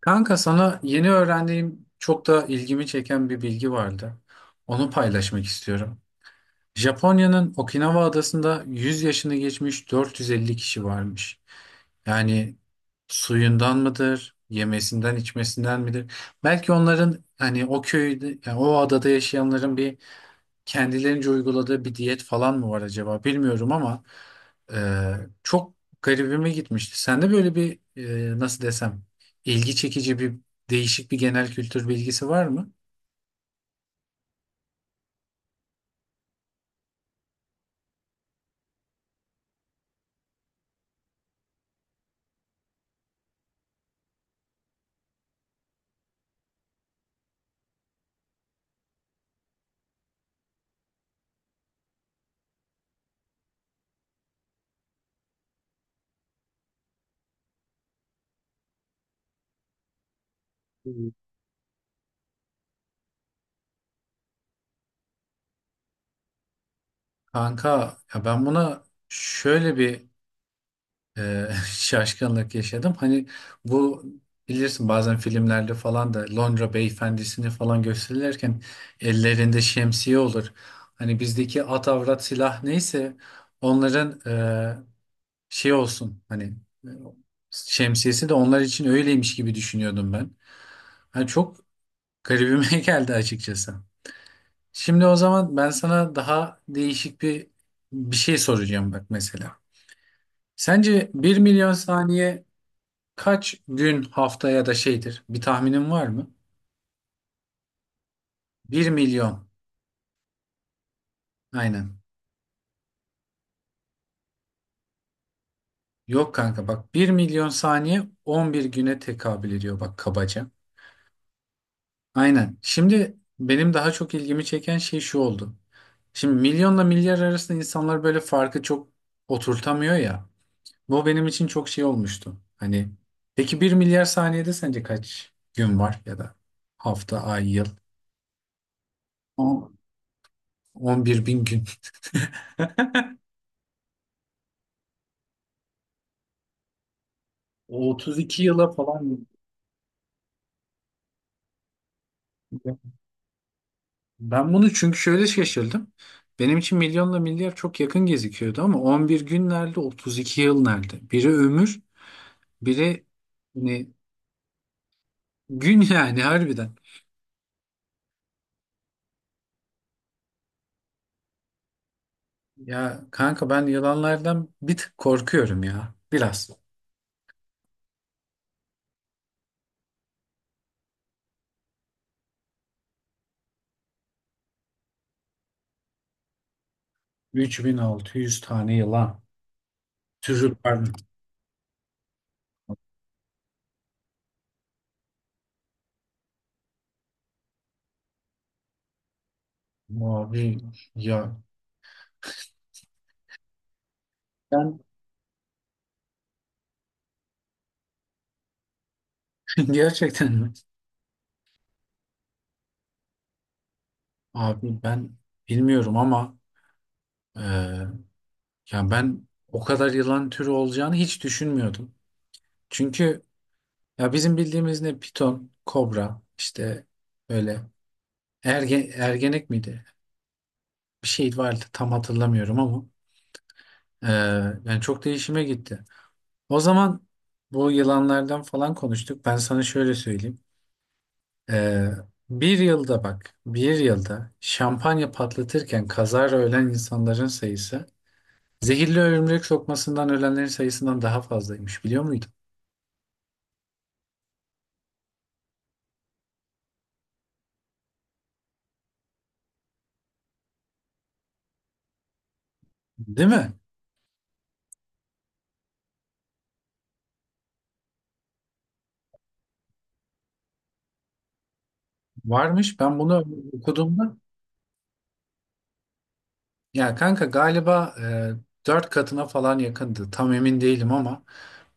Kanka sana yeni öğrendiğim çok da ilgimi çeken bir bilgi vardı. Onu paylaşmak istiyorum. Japonya'nın Okinawa adasında 100 yaşını geçmiş 450 kişi varmış. Yani suyundan mıdır, yemesinden, içmesinden midir? Belki onların hani o köyde, yani o adada yaşayanların bir kendilerince uyguladığı bir diyet falan mı var acaba bilmiyorum ama e, çok garibime gitmişti. Sende böyle bir nasıl desem ilgi çekici bir değişik bir genel kültür bilgisi var mı? Hmm. Kanka ya ben buna şöyle bir e, şaşkınlık yaşadım. Hani bu bilirsin bazen filmlerde falan da Londra beyefendisini falan gösterirken ellerinde şemsiye olur. Hani bizdeki at avrat silah neyse onların şey olsun hani e, şemsiyesi de onlar için öyleymiş gibi düşünüyordum ben. Hani çok garibime geldi açıkçası. Şimdi o zaman ben sana daha değişik bir şey soracağım bak mesela. Sence 1.000.000 saniye kaç gün, hafta ya da şeydir? Bir tahminin var mı? Bir milyon. Aynen. Yok kanka bak, 1.000.000 saniye 11 güne tekabül ediyor bak, kabaca. Aynen. Şimdi benim daha çok ilgimi çeken şey şu oldu. Şimdi milyonla milyar arasında insanlar böyle farkı çok oturtamıyor ya. Bu benim için çok şey olmuştu. Hani peki 1.000.000.000 saniyede sence kaç gün var ya da hafta, ay, yıl? O- On- 11 bin gün. O 32 yıla falan. Ben bunu çünkü şöyle şaşırdım. Benim için milyonla milyar çok yakın gözüküyordu ama 11 gün nerede, 32 yıl nerede? Biri ömür, biri hani gün yani, harbiden. Ya kanka ben yılanlardan bir tık korkuyorum ya. Biraz. 3600 tane yılan. Türü pardon. Abi ya. Ben gerçekten mi? Abi ben bilmiyorum ama e, ya ben o kadar yılan türü olacağını hiç düşünmüyordum. Çünkü ya bizim bildiğimiz ne piton, kobra işte, böyle ergenek miydi? Bir şey vardı tam hatırlamıyorum ama e, yani çok değişime gitti. O zaman bu yılanlardan falan konuştuk. Ben sana şöyle söyleyeyim. Ee, bir yılda bak, bir yılda şampanya patlatırken kazara ölen insanların sayısı zehirli örümcek sokmasından ölenlerin sayısından daha fazlaymış, biliyor muydun? Değil mi? Varmış. Ben bunu okuduğumda, ya kanka galiba 4 katına falan yakındı. Tam emin değilim ama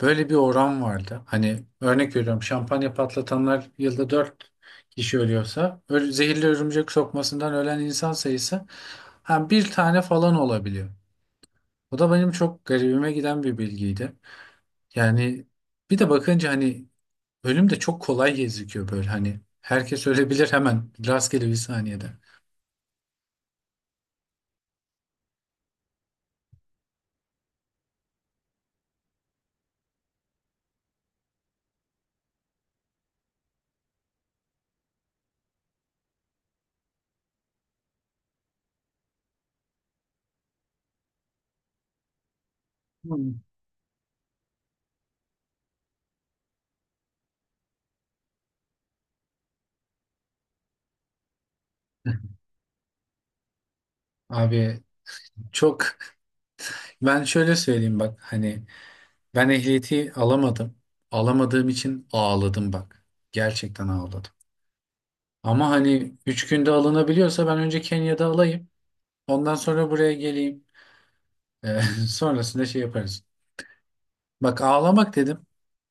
böyle bir oran vardı. Hani örnek veriyorum, şampanya patlatanlar yılda 4 kişi ölüyorsa zehirli örümcek sokmasından ölen insan sayısı, ha, bir tane falan olabiliyor. O da benim çok garibime giden bir bilgiydi. Yani bir de bakınca hani ölüm de çok kolay gözüküyor böyle, hani herkes ölebilir hemen rastgele bir saniyede. Hmm. Abi çok Ben şöyle söyleyeyim bak, hani ben ehliyeti alamadım. Alamadığım için ağladım bak. Gerçekten ağladım. Ama hani 3 günde alınabiliyorsa ben önce Kenya'da alayım. Ondan sonra buraya geleyim. Ee, Sonrasında şey yaparız. Bak, ağlamak dedim.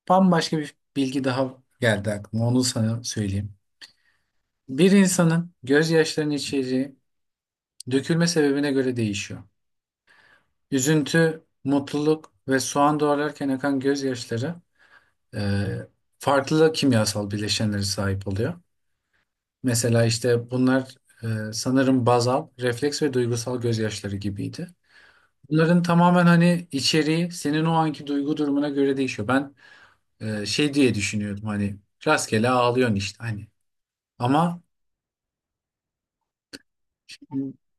Bambaşka bir bilgi daha geldi aklıma. Onu sana söyleyeyim. Bir insanın gözyaşlarının içeriği dökülme sebebine göre değişiyor. Üzüntü, mutluluk ve soğan doğrarken akan gözyaşları e, farklı kimyasal bileşenlere sahip oluyor. Mesela işte bunlar sanırım bazal, refleks ve duygusal gözyaşları gibiydi. Bunların tamamen hani içeriği senin o anki duygu durumuna göre değişiyor. Ben şey diye düşünüyordum hani, rastgele ağlıyorsun işte hani. Ama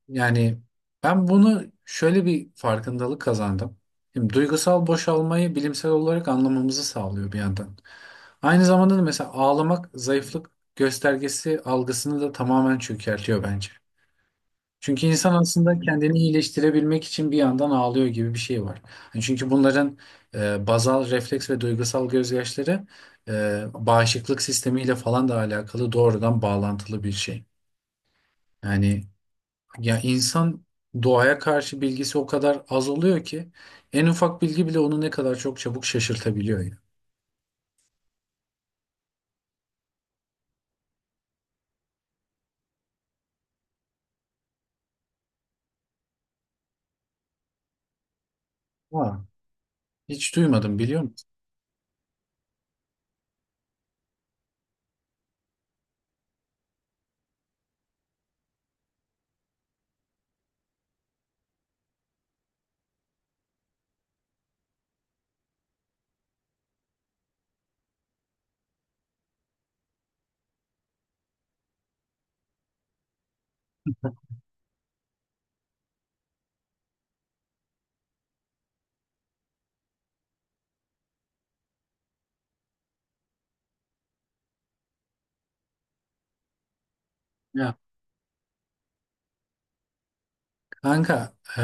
yani ben bunu şöyle bir farkındalık kazandım. Şimdi duygusal boşalmayı bilimsel olarak anlamamızı sağlıyor bir yandan. Aynı zamanda da mesela ağlamak zayıflık göstergesi algısını da tamamen çökertiyor bence. Çünkü insan aslında kendini iyileştirebilmek için bir yandan ağlıyor gibi bir şey var. Yani çünkü bunların bazal refleks ve duygusal gözyaşları bağışıklık sistemiyle falan da alakalı, doğrudan bağlantılı bir şey. Yani ya insan doğaya karşı bilgisi o kadar az oluyor ki en ufak bilgi bile onu ne kadar çok çabuk şaşırtabiliyor ya. Ha. Hiç duymadım, biliyor musun? Ya kanka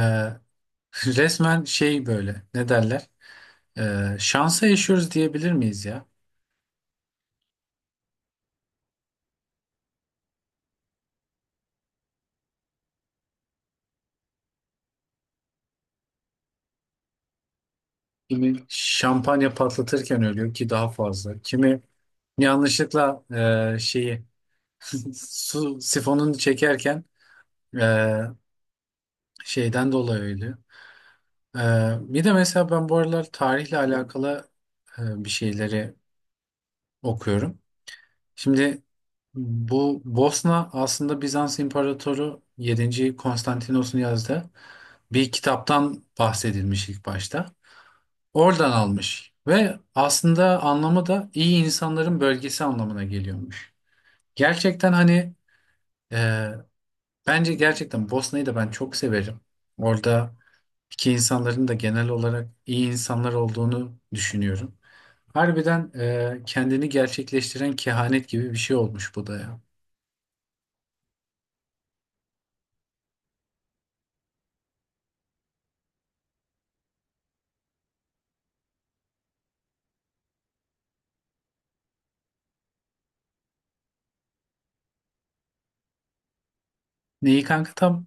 resmen şey, böyle ne derler? Şansa yaşıyoruz diyebilir miyiz ya? Kimi şampanya patlatırken ölüyor ki daha fazla. Kimi yanlışlıkla şeyi su sifonunu çekerken e, şeyden dolayı ölüyor. Bir de mesela ben bu aralar tarihle alakalı bir şeyleri okuyorum. Şimdi bu Bosna aslında Bizans İmparatoru 7. Konstantinos'un yazdığı bir kitaptan bahsedilmiş ilk başta. Oradan almış ve aslında anlamı da iyi insanların bölgesi anlamına geliyormuş. Gerçekten hani e, bence gerçekten Bosna'yı da ben çok severim. Orada ki insanların da genel olarak iyi insanlar olduğunu düşünüyorum. Harbiden kendini gerçekleştiren kehanet gibi bir şey olmuş bu da ya. Neyi kanka tam?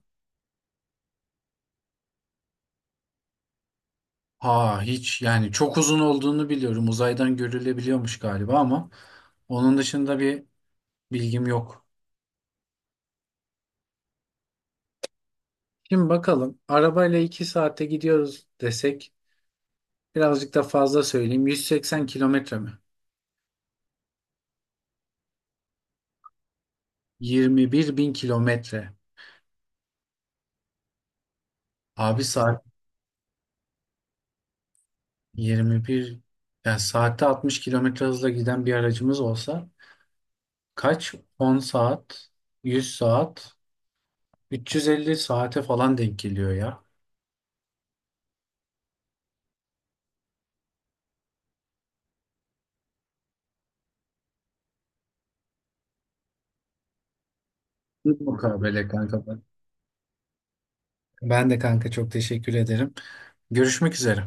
Ha, hiç yani, çok uzun olduğunu biliyorum. Uzaydan görülebiliyormuş galiba ama onun dışında bir bilgim yok. Şimdi bakalım, arabayla 2 saate gidiyoruz desek, birazcık da fazla söyleyeyim, 180 kilometre mi? 21 bin kilometre. Abi saat. 21 yani, saatte 60 kilometre hızla giden bir aracımız olsa kaç? 10 saat, 100 saat, 350 saate falan denk geliyor ya. Bu Mukabele kanka, ben. Ben de kanka çok teşekkür ederim. Görüşmek üzere.